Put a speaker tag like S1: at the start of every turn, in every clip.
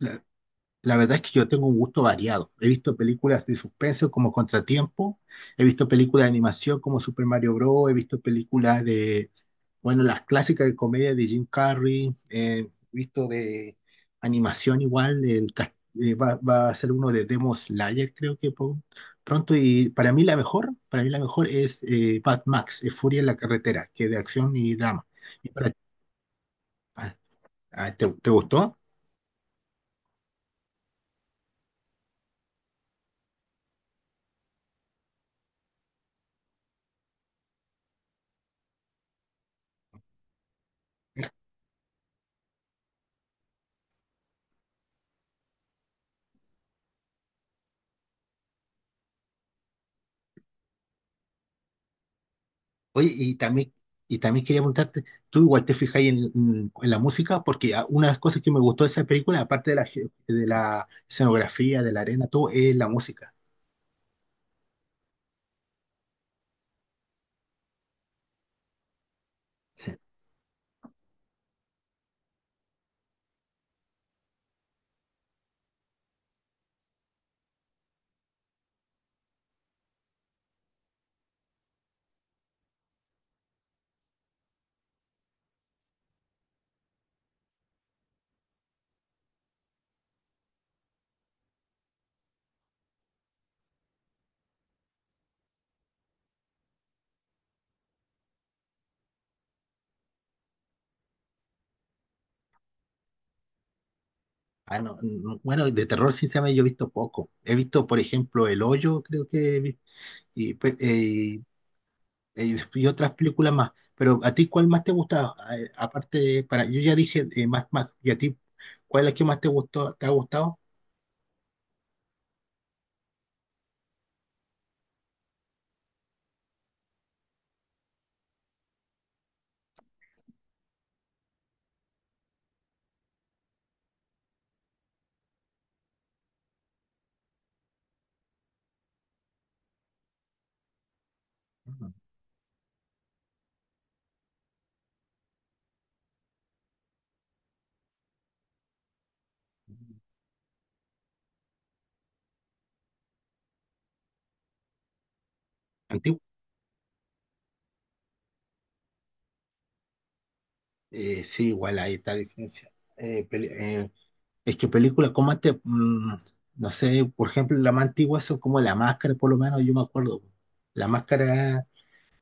S1: La, la verdad es que yo tengo un gusto variado. He visto películas de suspenso como Contratiempo, he visto películas de animación como Super Mario Bros., he visto películas de, bueno, las clásicas de comedia de Jim Carrey, he visto de animación igual, va a ser uno de Demon Slayer creo que pronto. Y para mí la mejor, para mí la mejor es Mad Max, Furia en la carretera, que es de acción y drama. Y para- ah, ah, ¿te gustó? Oye, y también quería preguntarte, ¿tú igual te fijas en, la música? Porque una de las cosas que me gustó de esa película, aparte de la, de la escenografía, de la arena, todo, es la música. Sí. Ah, no, no, bueno, de terror sinceramente yo he visto poco. He visto, por ejemplo, El Hoyo, creo que, y, pe- eh, y otras películas más. Pero ¿a ti cuál más te gustaba? Aparte, para, yo ya dije más, más, ¿y a ti cuál es la que más te gustó, te ha gustado? Ujú. Antigua. Sí, igual ahí está la diferencia. Es que películas como antes, no sé, por ejemplo, las más antiguas son como La Máscara, por lo menos yo me acuerdo. La Máscara,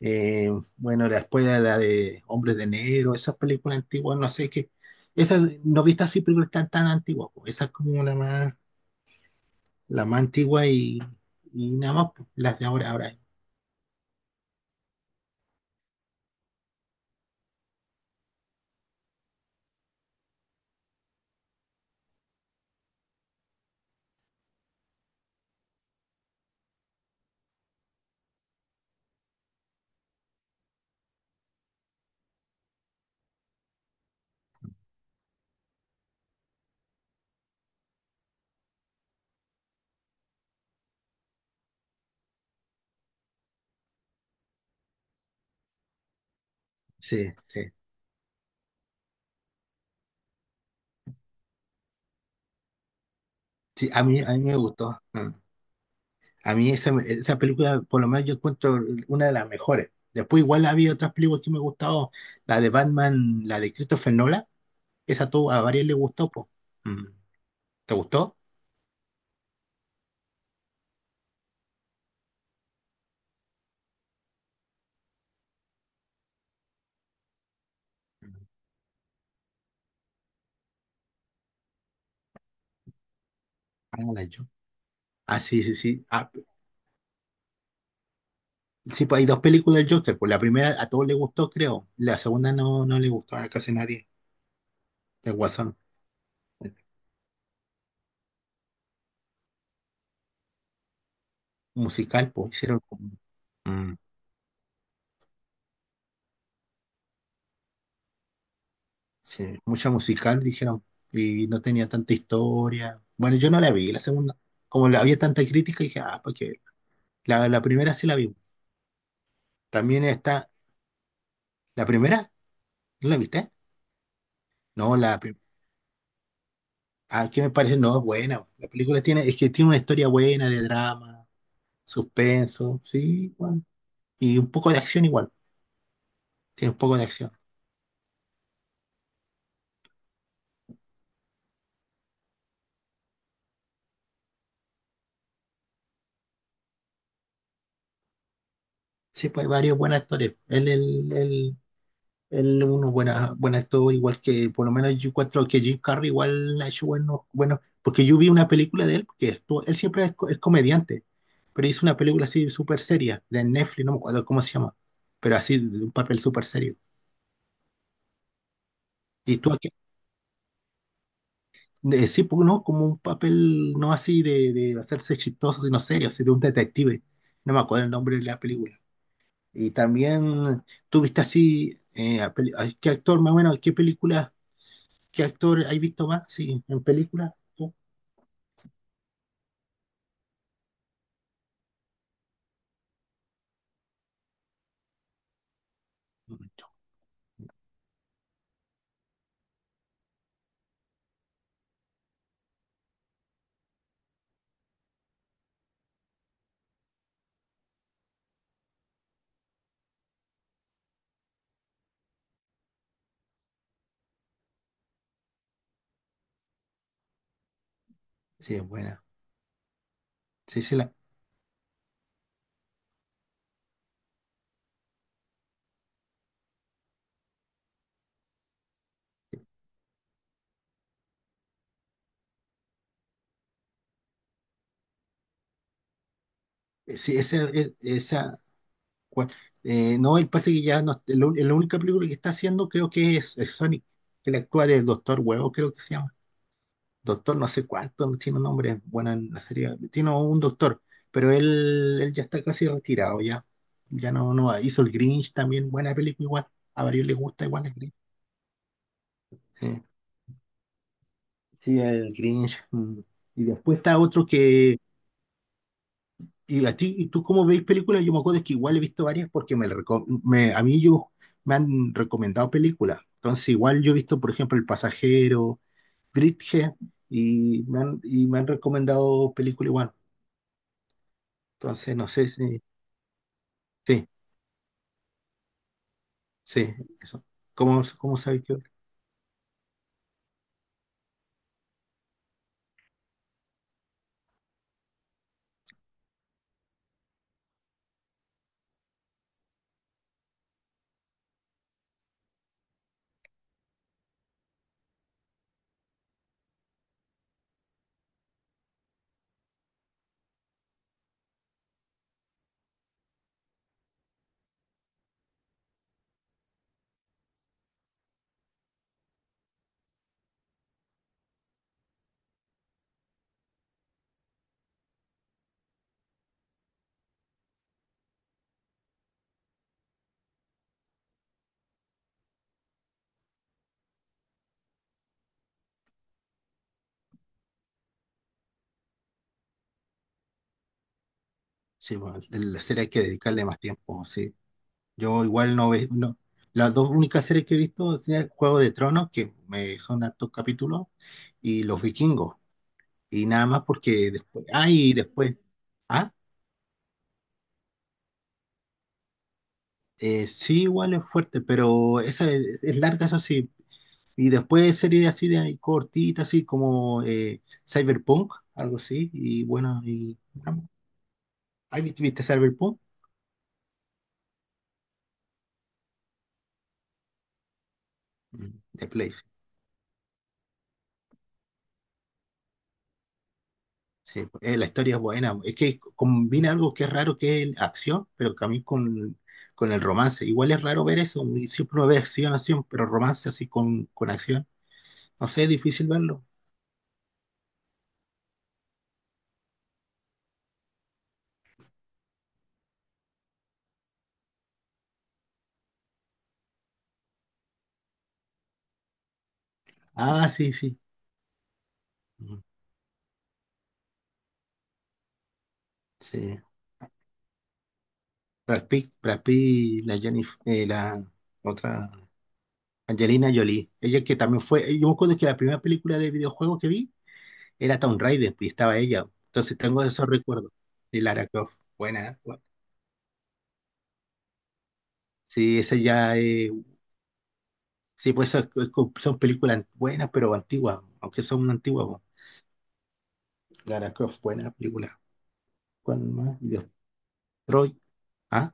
S1: eh, bueno, después de la de Hombres de Negro, esas películas antiguas, no sé qué. Esas, no he visto así películas tan, tan antiguas, pues. Esa es como la más antigua y nada más, pues, las de ahora, ahora. Sí, sí. Sí, a mí me gustó. Mm. A mí esa, esa película, por lo menos yo encuentro una de las mejores. Después igual había otras películas que me gustado, la de Batman, la de Christopher Nolan, esa tú, a varios le gustó, po. Mm. ¿Te gustó? Ah, la yo. Ah, sí, sí, sí. Ah, sí, pues hay dos películas del Joker, pues la primera a todos les gustó, creo. La segunda no, no le gustó a casi nadie, el Guasón. Musical, pues mm, sí, mucha musical, dijeron, y no tenía tanta historia. Bueno, yo no la vi, la segunda. Como la había tanta crítica, dije, ah, pues la primera sí la vi. También está. ¿La primera? ¿No la viste? No, la prim- ¿qué me parece? No, es buena. La película tiene, es que tiene una historia buena de drama, suspenso, sí, bueno, y un poco de acción igual. Tiene un poco de acción. Sí, pues hay varias buenas historias. Él es un buena, buen actor, igual que por lo menos yo encuentro que Jim Carrey igual ha hecho buenos, bueno, porque yo vi una película de él, que él siempre es, es comediante, pero hizo una película así súper seria, de Netflix, no me acuerdo cómo se llama, pero así, de un papel súper serio. Y tú aquí, de, sí, pues, no, como un papel no así de hacerse chistoso, sino serio, así de un detective, no me acuerdo el nombre de la película. Y también tuviste así, ¿qué actor más o menos, qué película? ¿Qué actor hay visto más? Sí, en películas, tú. Sí, es buena. Sí, sí, la, sí, esa, esa, cua- no, el pase que ya no, la única película que está haciendo creo que es Sonic, que le actúa del Doctor Huevo, creo que se llama. Doctor no sé cuánto, no tiene un nombre, bueno, en la serie, tiene un doctor, pero él ya está casi retirado ya, ya no, no va. Hizo el Grinch también, buena película igual, a varios les gusta igual el Grinch. Sí, sí, el Grinch. Mm. Y después está otro que, y a ti, ¿y tú cómo veis películas? Yo me acuerdo es que igual he visto varias porque me, a mí yo, me han recomendado películas, entonces igual yo he visto, por ejemplo, El Pasajero, Bridget, y me han recomendado películas igual. Entonces, no sé si sí, sí, eso. ¿Cómo, cómo sabéis que sí, bueno, en la serie hay que dedicarle más tiempo, sí. Yo igual no veo, no. Las dos únicas series que he visto son Juego de Tronos, que me son hartos capítulos, y Los Vikingos. Y nada más porque después, ah, y después, ah, sí, igual es fuerte, pero esa es larga, eso sí. Y después series así de cortitas, así como Cyberpunk, algo así, y bueno, y... ¿Has visto, viste Cyberpunk? Mm, de Play, sí. Sí, la historia es buena. Es que combina algo que es raro, que es acción, pero también con el romance. Igual es raro ver eso. Siempre uno ve acción, acción, pero romance así con acción. No sé, es difícil verlo. Ah, sí, sí. Mm, sí. Brad Pitt, Brad Pitt, la Jennifer, la otra, Angelina Jolie. Ella que también fue, yo me acuerdo que la primera película de videojuego que vi era Tomb Raider y estaba ella. Entonces tengo esos recuerdos de Lara Croft. Buena, ¿eh? Bueno, sí, esa ya es sí, pues esas son películas buenas, pero antiguas, aunque son antiguas, po. Lara Croft, buena película. ¿Cuál más? Y de Troy. ¿Ah?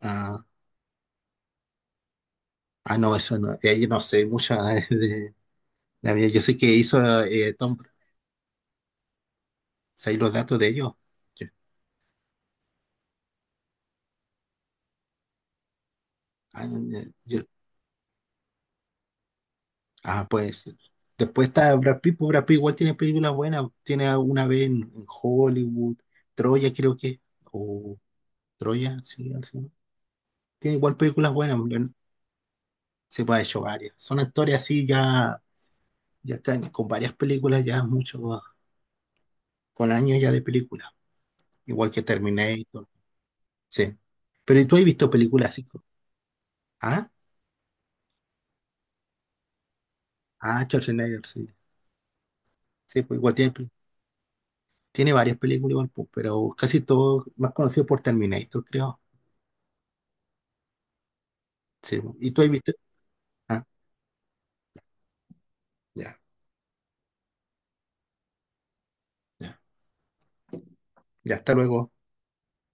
S1: Ah, ah, no, eso no. Yo no sé mucho de la vida. Yo sé que hizo Tom. ¿Sabéis los datos de ellos? Yo- Ah, ah, pues. Después está Brad Pitt, pues Brad Pitt igual tiene películas buenas. Tiene una vez en Hollywood. Troya, creo que. O Troya, sí, al final. Tiene igual películas buenas. Se puede ha hecho varias. Son historias así ya, ya está, con varias películas, ya mucho, con años ya de películas, igual que Terminator, sí. Pero ¿y tú has visto películas así? ¿Ah? Ah, Schwarzenegger, sí. Sí, pues igual tiene, tiene varias películas, igual, pues, pero casi todo más conocido por Terminator, creo. Sí, pues, ¿y tú has visto? Ah, ya, ya. Ya, hasta luego.